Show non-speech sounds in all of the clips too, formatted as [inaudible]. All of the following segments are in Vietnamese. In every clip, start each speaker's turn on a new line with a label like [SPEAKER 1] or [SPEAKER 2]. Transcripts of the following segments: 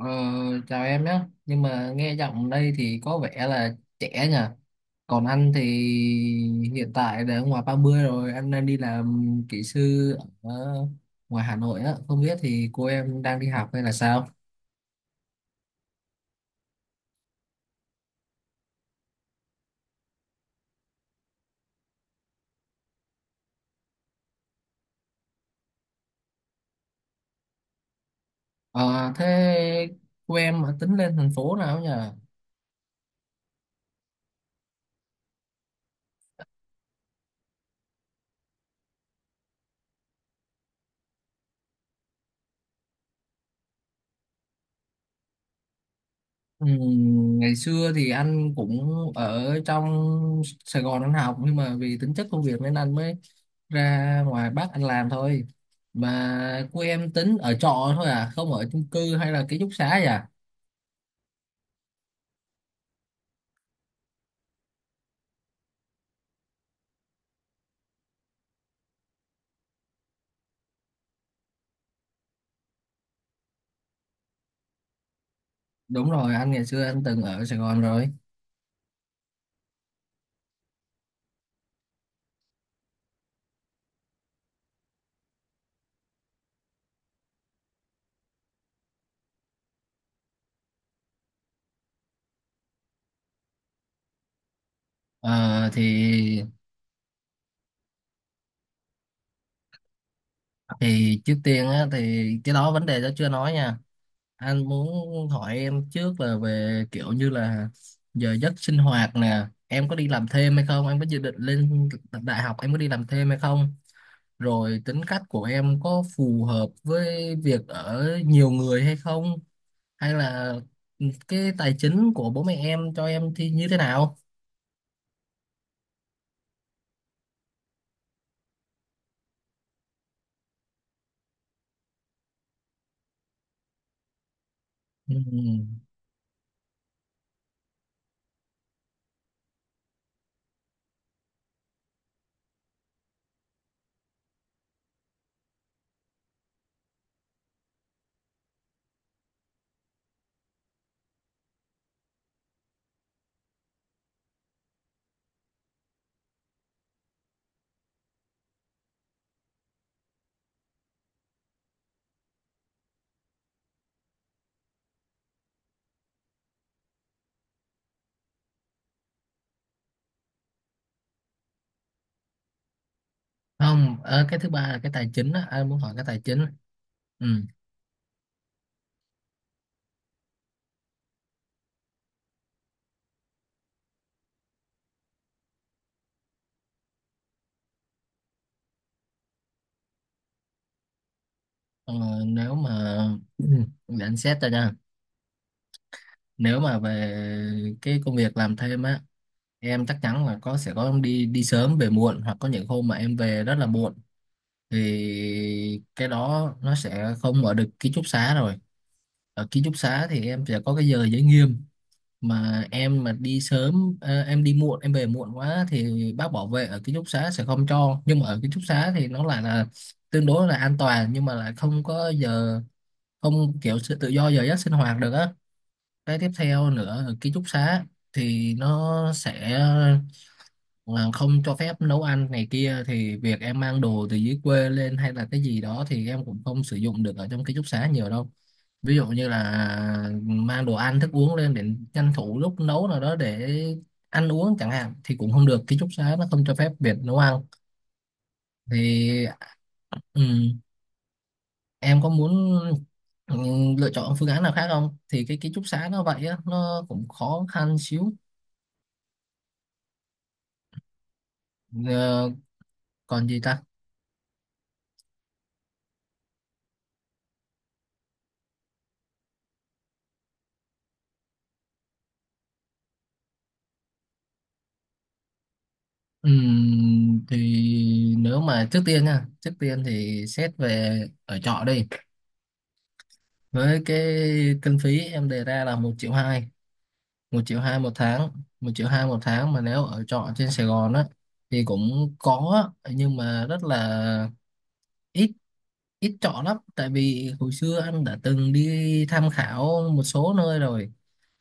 [SPEAKER 1] Ờ, Chào em nhé, nhưng mà nghe giọng đây thì có vẻ là trẻ nhỉ. Còn anh thì hiện tại đã ngoài 30 rồi, anh đang đi làm kỹ sư ở ngoài Hà Nội á. Không biết thì cô em đang đi học hay là sao? Ờ, Thế cô em ở, tính lên thành phố nào nhỉ? Ừm, Ngày xưa thì anh cũng ở trong Sài Gòn anh học, nhưng mà vì tính chất công việc nên anh mới ra ngoài Bắc anh làm thôi. Mà của em tính ở trọ thôi à, không ở chung cư hay là ký túc xá vậy à? Đúng rồi, anh ngày xưa anh từng ở Sài Gòn rồi. Ờ, thì thì trước tiên á, thì cái đó vấn đề đó chưa nói nha, anh muốn hỏi em trước là về kiểu như là giờ giấc sinh hoạt nè, em có đi làm thêm hay không, em có dự định lên đại học em có đi làm thêm hay không, rồi tính cách của em có phù hợp với việc ở nhiều người hay không, hay là cái tài chính của bố mẹ em cho em thì như thế nào. Ừ. Không, cái thứ ba là cái tài chính á, anh muốn hỏi cái tài chính. Ừ. ờ, Nếu mà [clears throat] để anh xét ra nha. Nếu mà về cái công việc làm thêm á, em chắc chắn là có, sẽ có đi đi sớm về muộn, hoặc có những hôm mà em về rất là muộn, thì cái đó nó sẽ không ở được ký túc xá rồi. Ở ký túc xá thì em sẽ có cái giờ giới nghiêm, mà em mà đi sớm, em đi muộn em về muộn quá thì bác bảo vệ ở ký túc xá sẽ không cho. Nhưng mà ở ký túc xá thì nó lại là tương đối là an toàn, nhưng mà lại không có giờ, không kiểu sự tự do giờ giấc sinh hoạt được á. Cái tiếp theo nữa, ở ký túc xá thì nó sẽ, mà không cho phép nấu ăn này kia, thì việc em mang đồ từ dưới quê lên hay là cái gì đó thì em cũng không sử dụng được ở trong ký túc xá nhiều đâu. Ví dụ như là mang đồ ăn thức uống lên để tranh thủ lúc nấu nào đó để ăn uống chẳng hạn, thì cũng không được, ký túc xá nó không cho phép việc nấu ăn. Thì ừm, em có muốn lựa chọn phương án nào khác không, thì cái ký túc xá nó vậy á, nó cũng khó khăn xíu. Ờ, Còn gì ta. Thì nếu mà trước tiên nha, trước tiên thì xét về ở trọ đi. Với cái kinh phí em đề ra là 1.200.000, 1.200.000 một tháng, 1.200.000 một tháng mà nếu ở trọ trên Sài Gòn á thì cũng có á, nhưng mà rất là ít ít trọ lắm. Tại vì hồi xưa anh đã từng đi tham khảo một số nơi rồi,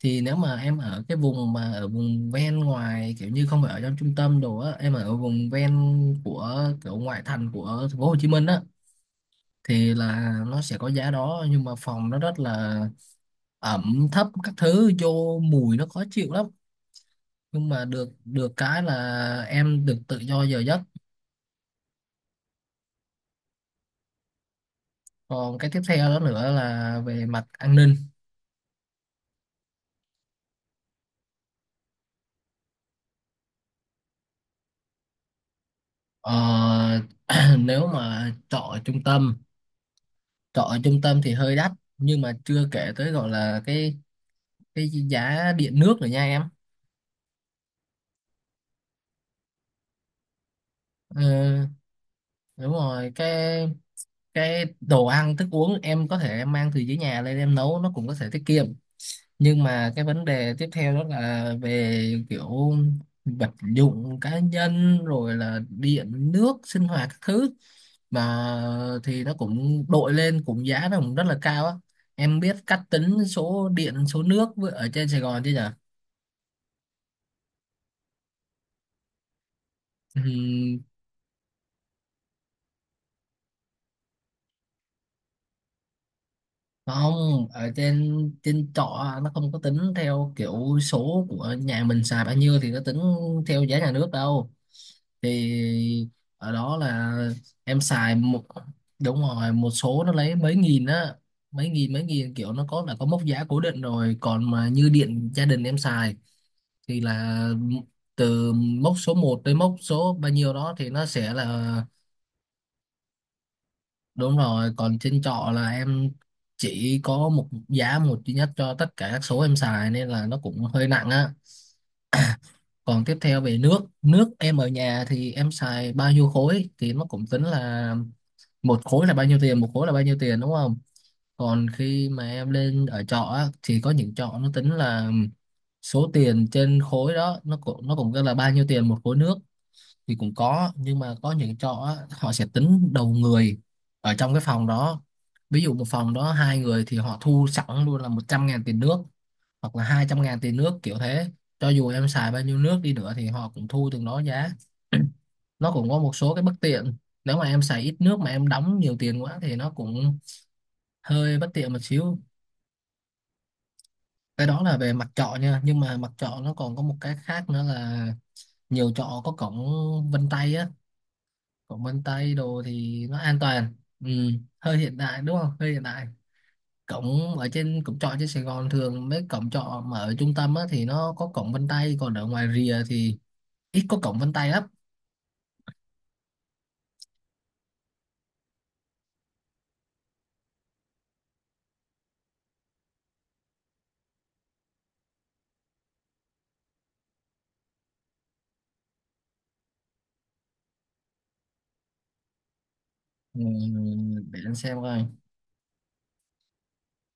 [SPEAKER 1] thì nếu mà em ở cái vùng mà ở vùng ven ngoài, kiểu như không phải ở trong trung tâm đồ á, em ở vùng ven của kiểu ngoại thành của thành phố Hồ Chí Minh á, thì là nó sẽ có giá đó, nhưng mà phòng nó rất là ẩm thấp, các thứ vô mùi nó khó chịu lắm. Nhưng mà được, được cái là em được tự do giờ giấc. Còn cái tiếp theo đó nữa là về mặt an ninh. ờ, [clears throat] Nếu mà trọ ở trung tâm, trọ ở trung tâm thì hơi đắt, nhưng mà chưa kể tới gọi là cái giá điện nước rồi nha em. Ừ, đúng rồi, cái đồ ăn thức uống em có thể em mang từ dưới nhà lên em nấu nó cũng có thể tiết kiệm, nhưng mà cái vấn đề tiếp theo đó là về kiểu vật dụng cá nhân, rồi là điện nước sinh hoạt các thứ, mà thì nó cũng đội lên, cũng giá nó cũng rất là cao á. Em biết cách tính số điện số nước với- ở trên Sài Gòn chứ nhở? Ừm, Không, ở trên trên trọ nó không có tính theo kiểu số của nhà mình xài bao nhiêu thì nó tính theo giá nhà nước đâu. Thì ở đó là em xài một, đúng rồi, một số nó lấy mấy nghìn á, mấy nghìn mấy nghìn, kiểu nó có là có mốc giá cố định rồi. Còn mà như điện gia đình em xài thì là từ mốc số một tới mốc số bao nhiêu đó thì nó sẽ là. Đúng rồi, còn trên trọ là em chỉ có một giá, một duy nhất cho tất cả các số em xài nên là nó cũng hơi nặng á. Còn tiếp theo về nước, nước em ở nhà thì em xài bao nhiêu khối thì nó cũng tính là một khối là bao nhiêu tiền, một khối là bao nhiêu tiền đúng không? Còn khi mà em lên ở trọ á thì có những trọ nó tính là số tiền trên khối đó, nó cũng, nó cũng gọi là bao nhiêu tiền một khối nước thì cũng có. Nhưng mà có những trọ á, họ sẽ tính đầu người ở trong cái phòng đó. Ví dụ một phòng đó hai người thì họ thu sẵn luôn là 100.000 tiền nước, hoặc là 200.000 tiền nước kiểu thế, cho dù em xài bao nhiêu nước đi nữa thì họ cũng thu từng đó giá. Nó cũng có một số cái bất tiện, nếu mà em xài ít nước mà em đóng nhiều tiền quá thì nó cũng hơi bất tiện một xíu. Cái đó là về mặt trọ nha, nhưng mà mặt trọ nó còn có một cái khác nữa là nhiều trọ có cổng vân tay á. Cổng vân tay đồ thì nó an toàn. Ừ, hơi hiện đại đúng không, hơi hiện đại. Cổng, ở trên cổng trọ trên Sài Gòn, thường mấy cổng trọ mà ở trung tâm á, thì nó có cổng vân tay, còn ở ngoài rìa thì ít có cổng vân tay lắm. Ừ, để anh xem coi.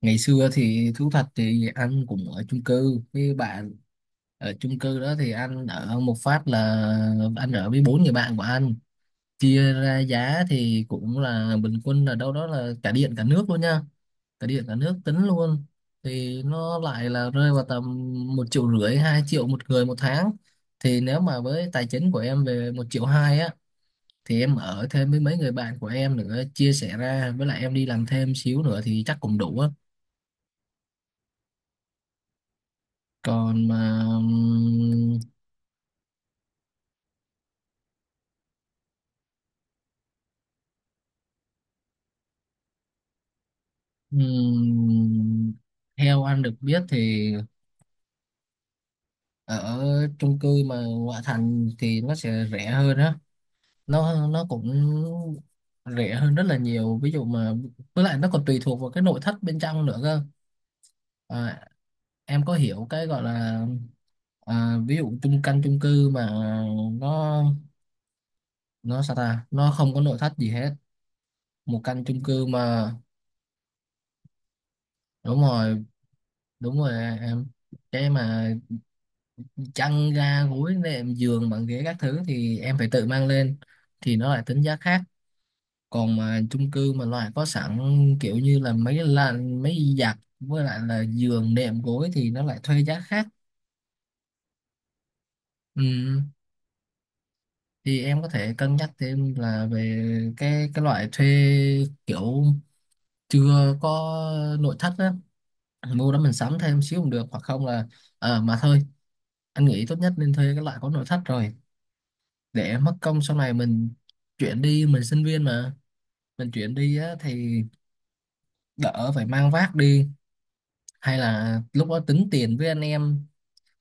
[SPEAKER 1] Ngày xưa thì thú thật thì anh cũng ở chung cư với bạn. Ở chung cư đó thì anh ở một phát là anh ở với 4 người bạn của anh, chia ra giá thì cũng là bình quân là đâu đó là, cả điện cả nước luôn nha, cả điện cả nước tính luôn, thì nó lại là rơi vào tầm 1.500.000 2.000.000 một người một tháng. Thì nếu mà với tài chính của em về 1.200.000 á, thì em ở thêm với mấy người bạn của em nữa, chia sẻ ra với lại em đi làm thêm xíu nữa thì chắc cũng đủ á. Còn mà ừm, theo anh được biết thì ở chung cư mà ngoại thành thì nó sẽ rẻ hơn á. Nó cũng rẻ hơn rất là nhiều, ví dụ mà, với lại nó còn tùy thuộc vào cái nội thất bên trong nữa cơ. À, em có hiểu cái gọi là, à, ví dụ chung căn chung cư mà nó nó sao ta, nó không có nội thất gì hết, một căn chung cư mà. Đúng rồi, đúng rồi em, cái mà chăn ga gối nệm giường bàn ghế các thứ thì em phải tự mang lên, thì nó lại tính giá khác. Còn mà chung cư mà loại có sẵn, kiểu như là mấy giặt với lại là giường đệm gối thì nó lại thuê giá khác. Ừ. Thì em có thể cân nhắc thêm là về cái loại thuê kiểu chưa có nội thất á, mua đó mình sắm thêm xíu cũng được. Hoặc không là, ờ mà thôi, anh nghĩ tốt nhất nên thuê cái loại có nội thất rồi, để mất công sau này mình chuyển đi, mình sinh viên mà, mình chuyển đi á thì đỡ phải mang vác đi hay là lúc đó tính tiền với anh em.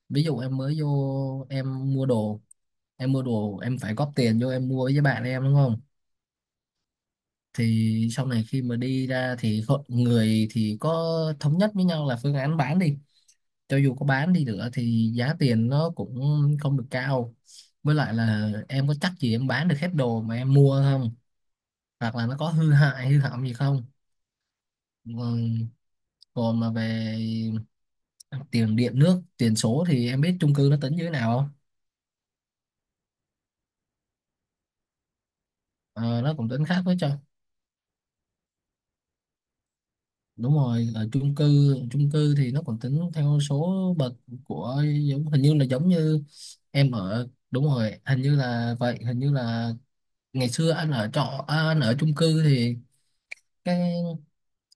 [SPEAKER 1] Ví dụ em mới vô em mua đồ, em mua đồ em phải góp tiền vô em mua với bạn em đúng không? Thì sau này khi mà đi ra thì hội- người thì có thống nhất với nhau là phương án bán đi, cho dù có bán đi nữa thì giá tiền nó cũng không được cao, với lại là em có chắc gì em bán được hết đồ mà em mua không, hoặc là nó có hư hại hư hỏng gì không. Ừm, Còn mà về tiền điện nước tiền số thì em biết chung cư nó tính như thế nào không? Ờ, nó cũng tính khác với cho. Đúng rồi, ở chung cư, chung cư thì nó còn tính theo số bậc của, giống hình như là giống như em ở, đúng rồi hình như là vậy, hình như là ngày xưa anh ở trọ, à, anh ở chung cư thì cái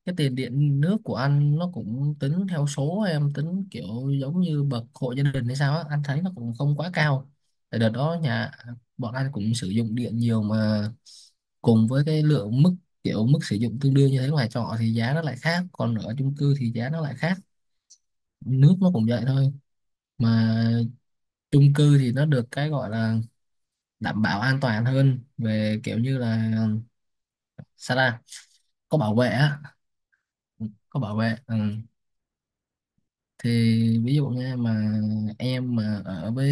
[SPEAKER 1] cái tiền điện nước của anh nó cũng tính theo số, em tính kiểu giống như bậc hộ gia đình hay sao á, anh thấy nó cũng không quá cao. Tại đợt đó nhà bọn anh cũng sử dụng điện nhiều mà, cùng với cái lượng mức, kiểu mức sử dụng tương đương như thế, ngoài trọ thì giá nó lại khác, còn ở chung cư thì giá nó lại khác. Nước nó cũng vậy thôi. Mà chung cư thì nó được cái gọi là đảm bảo an toàn hơn về kiểu như là, sao ta, có bảo vệ á, có bảo vệ. Ừ. Thì ví dụ nha, mà em mà ở với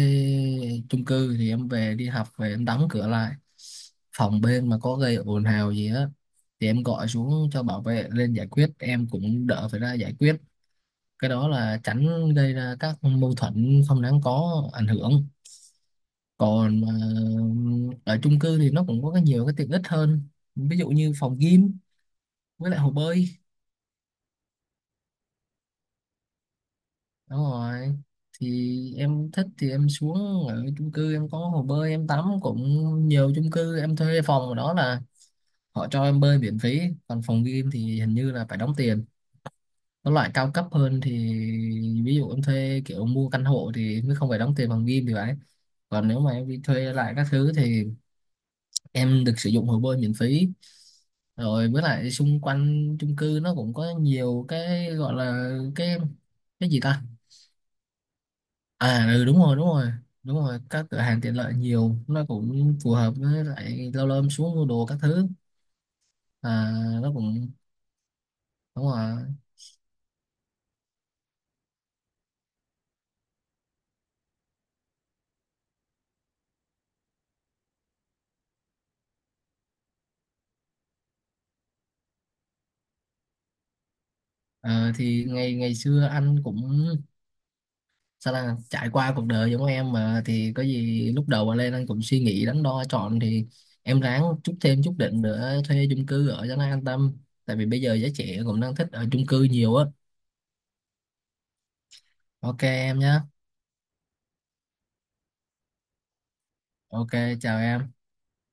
[SPEAKER 1] chung cư thì em về đi học về em đóng cửa lại, phòng bên mà có gây ồn ào gì á thì em gọi xuống cho bảo vệ lên giải quyết, em cũng đỡ phải ra giải quyết. Cái đó là tránh gây ra các mâu thuẫn không đáng có ảnh hưởng. Còn mà ở chung cư thì nó cũng có cái, nhiều cái tiện ích hơn, ví dụ như phòng gym với lại hồ bơi. Đúng rồi, thì em thích thì em xuống, ở chung cư em có hồ bơi em tắm cũng, nhiều chung cư em thuê phòng ở đó là họ cho em bơi miễn phí. Còn phòng game thì hình như là phải đóng tiền, có loại cao cấp hơn thì, ví dụ em thuê kiểu mua căn hộ thì mới không phải đóng tiền phòng game thì phải. Còn nếu mà em đi thuê lại các thứ thì em được sử dụng hồ bơi miễn phí. Rồi với lại xung quanh chung cư nó cũng có nhiều cái gọi là cái gì ta. À ừ, đúng rồi, đúng rồi, đúng rồi, các cửa hàng tiện lợi nhiều, nó cũng phù hợp với lại lâu lâu em xuống mua đồ các thứ. À, nó cũng, đúng rồi. Ờ, thì ngày ngày xưa anh cũng, sao là, trải qua cuộc đời giống em mà, thì có gì lúc đầu mà lên anh cũng suy nghĩ đắn đo chọn, thì em ráng chút, thêm chút đỉnh nữa thuê chung cư ở cho nó an tâm, tại vì bây giờ giới trẻ cũng đang thích ở chung cư nhiều á. OK em nhé. OK, chào em.